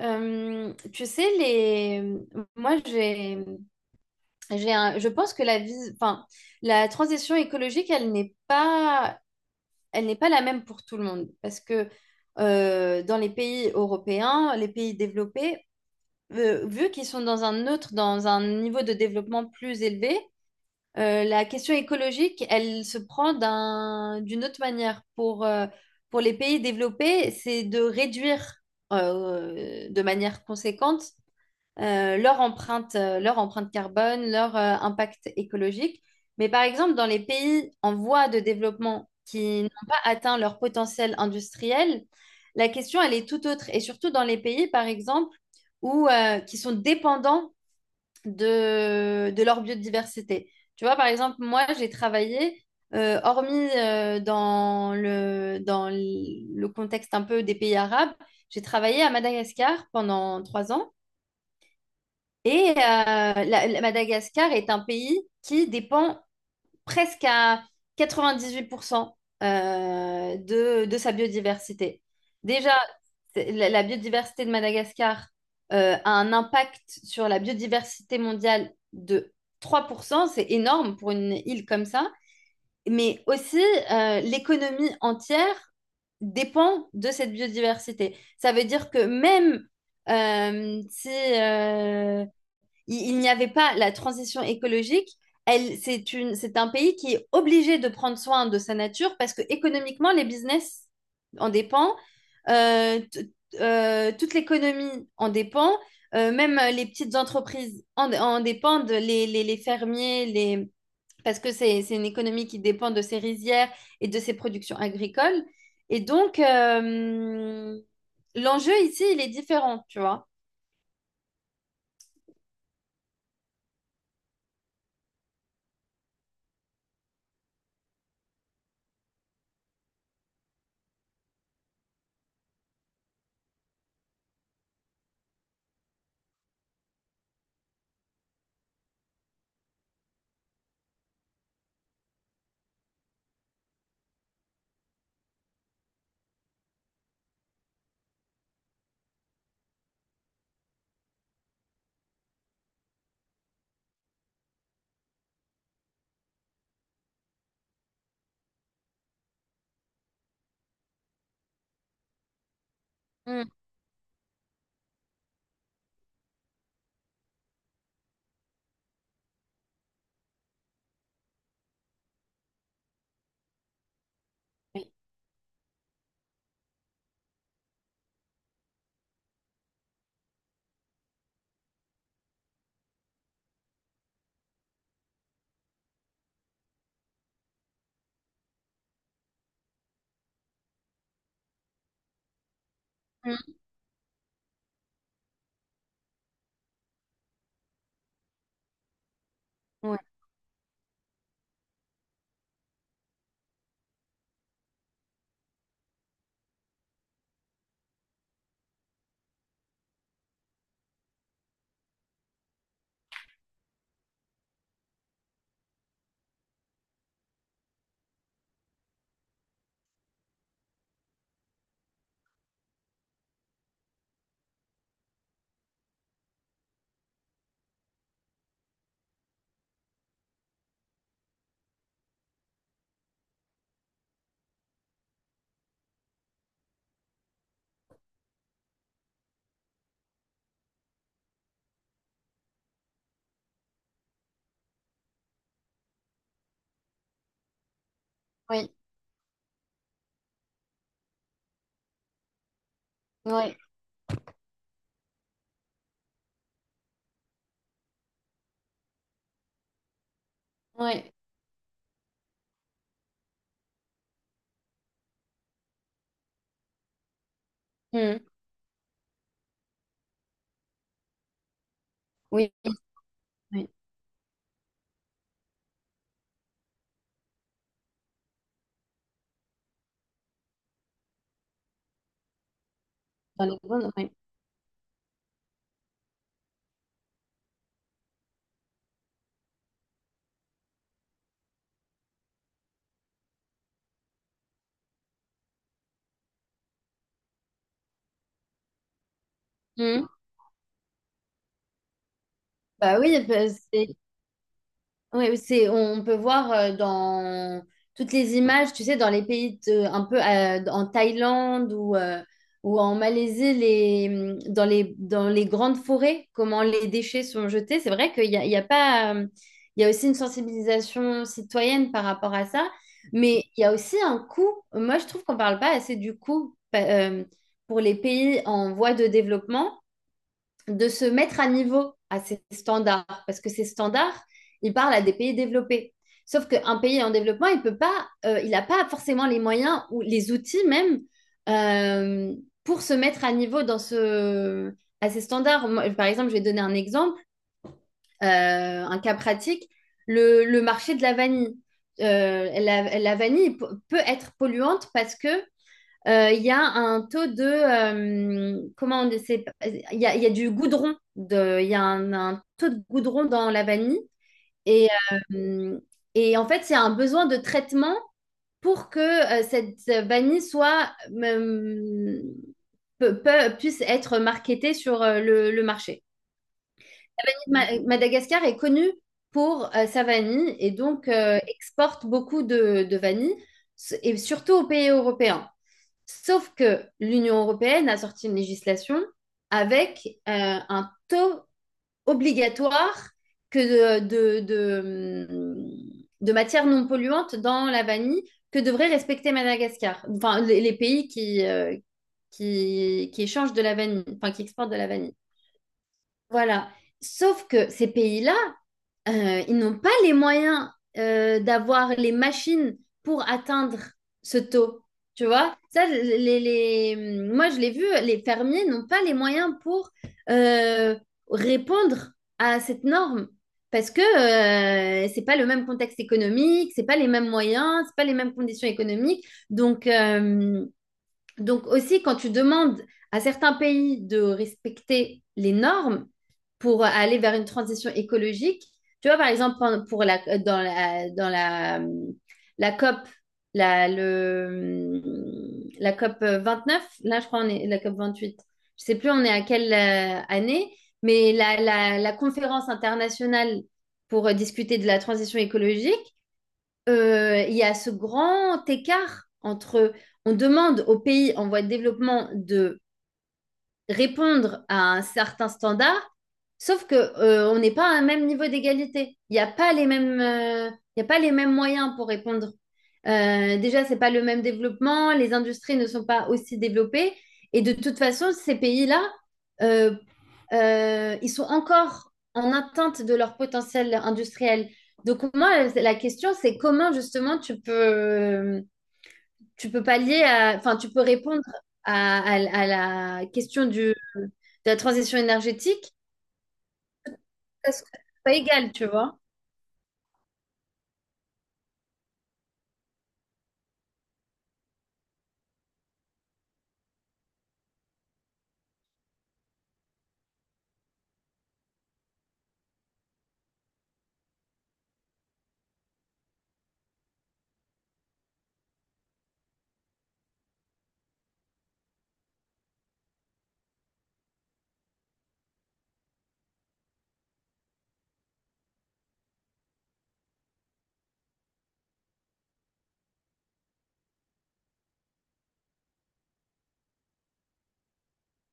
Tu sais, les... moi, j'ai un... je pense que la vie... enfin, la transition écologique, elle n'est pas la même pour tout le monde. Parce que dans les pays européens, les pays développés, vu qu'ils sont dans un niveau de développement plus élevé, la question écologique, elle se prend d'une autre manière. Pour les pays développés, c'est de réduire de manière conséquente leur empreinte carbone, leur impact écologique. Mais par exemple, dans les pays en voie de développement qui n'ont pas atteint leur potentiel industriel, la question, elle est tout autre. Et surtout dans les pays, par exemple, qui sont dépendants de leur biodiversité. Tu vois, par exemple, moi, j'ai travaillé, hormis dans le contexte un peu des pays arabes, j'ai travaillé à Madagascar pendant 3 ans. Madagascar est un pays qui dépend presque à 98% de sa biodiversité. Déjà, la biodiversité de Madagascar a un impact sur la biodiversité mondiale de 3%, c'est énorme pour une île comme ça, mais aussi l'économie entière dépend de cette biodiversité. Ça veut dire que même si... il n'y avait pas la transition écologique. C'est un pays qui est obligé de prendre soin de sa nature parce que économiquement, les business en dépend, euh, t- toute l'économie en dépend, même les petites entreprises en dépendent, les fermiers, les... parce que c'est une économie qui dépend de ses rizières et de ses productions agricoles. Et donc, l'enjeu ici, il est différent, tu vois. Mm, oui. Mm. Oui, oui, oui. Ouais. Hmm. Oui. Oui. Dans les bonnes, oui. Hmm. Bah oui, bah, on peut voir dans toutes les images, tu sais, dans les un peu en Thaïlande ou en Malaisie, les, mmh, dans les grandes forêts, comment les déchets sont jetés. C'est vrai qu'il y a pas, il y a aussi une sensibilisation citoyenne par rapport à ça, mais il y a aussi un coût. Moi, je trouve qu'on parle pas assez du coût pour les pays en voie de développement, de se mettre à niveau à ces standards, parce que ces standards, ils parlent à des pays développés. Sauf qu'un pays en développement, il n'a pas forcément les moyens ou les outils même euh, pour se mettre à niveau à ces standards. Moi, par exemple, je vais donner un exemple, un cas pratique, le marché de la vanille. La vanille peut être polluante parce que il y a un taux de comment on dit, il y a du il y a un taux de goudron dans la vanille et euh, et en fait il y a un besoin de traitement pour que cette vanille soit puisse être marketée sur le marché. Madagascar est connue pour sa vanille et donc exporte beaucoup de vanille et surtout aux pays européens. Sauf que l'Union européenne a sorti une législation avec un taux obligatoire que de matières non polluantes dans la vanille que devrait respecter Madagascar, enfin les pays qui échangent de la vanille, enfin qui exportent de la vanille. Voilà. Sauf que ces pays-là ils n'ont pas les moyens d'avoir les machines pour atteindre ce taux. Tu vois, ça, moi je l'ai vu, les fermiers n'ont pas les moyens pour euh, répondre à cette norme parce que c'est pas le même contexte économique, c'est pas les mêmes moyens, c'est pas les mêmes conditions économiques. Donc, euh, donc aussi, quand tu demandes à certains pays de respecter les normes pour aller vers une transition écologique, tu vois, par exemple, pour la, dans la, dans la, la COP, la, le, la COP 29 là, je crois, on est la COP 28. Je sais plus on est à quelle année, mais la conférence internationale pour discuter de la transition écologique, il y a ce grand écart entre, on demande aux pays en voie de développement de répondre à un certain standard, sauf que on n'est pas à un même niveau d'égalité. Il y a pas les mêmes moyens pour répondre. Déjà, c'est pas le même développement, les industries ne sont pas aussi développées, et de toute façon, ces pays-là, euh, ils sont encore en atteinte de leur potentiel industriel. Donc moi, la question, c'est comment justement tu peux pallier à, enfin, tu peux répondre à la question de la transition énergétique, ça se- pas égal, tu vois.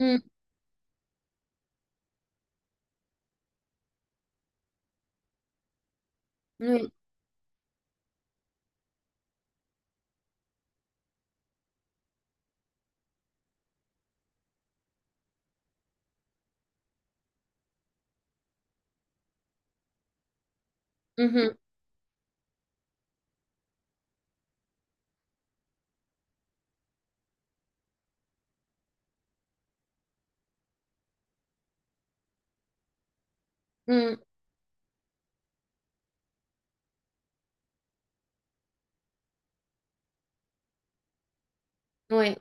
Mm. Oui. Mhm. Mm. Ouais.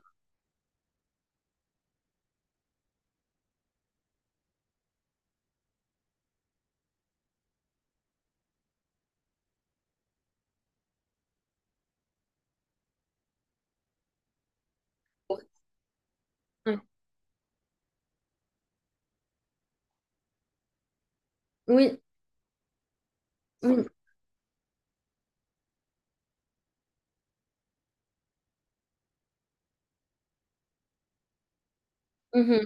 Ouais. Oui. Oui. Mhm.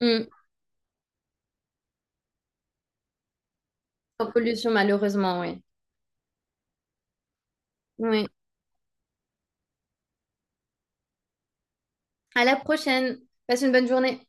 Mm. En pollution, malheureusement, oui. Oui. À la prochaine. Passe une bonne journée.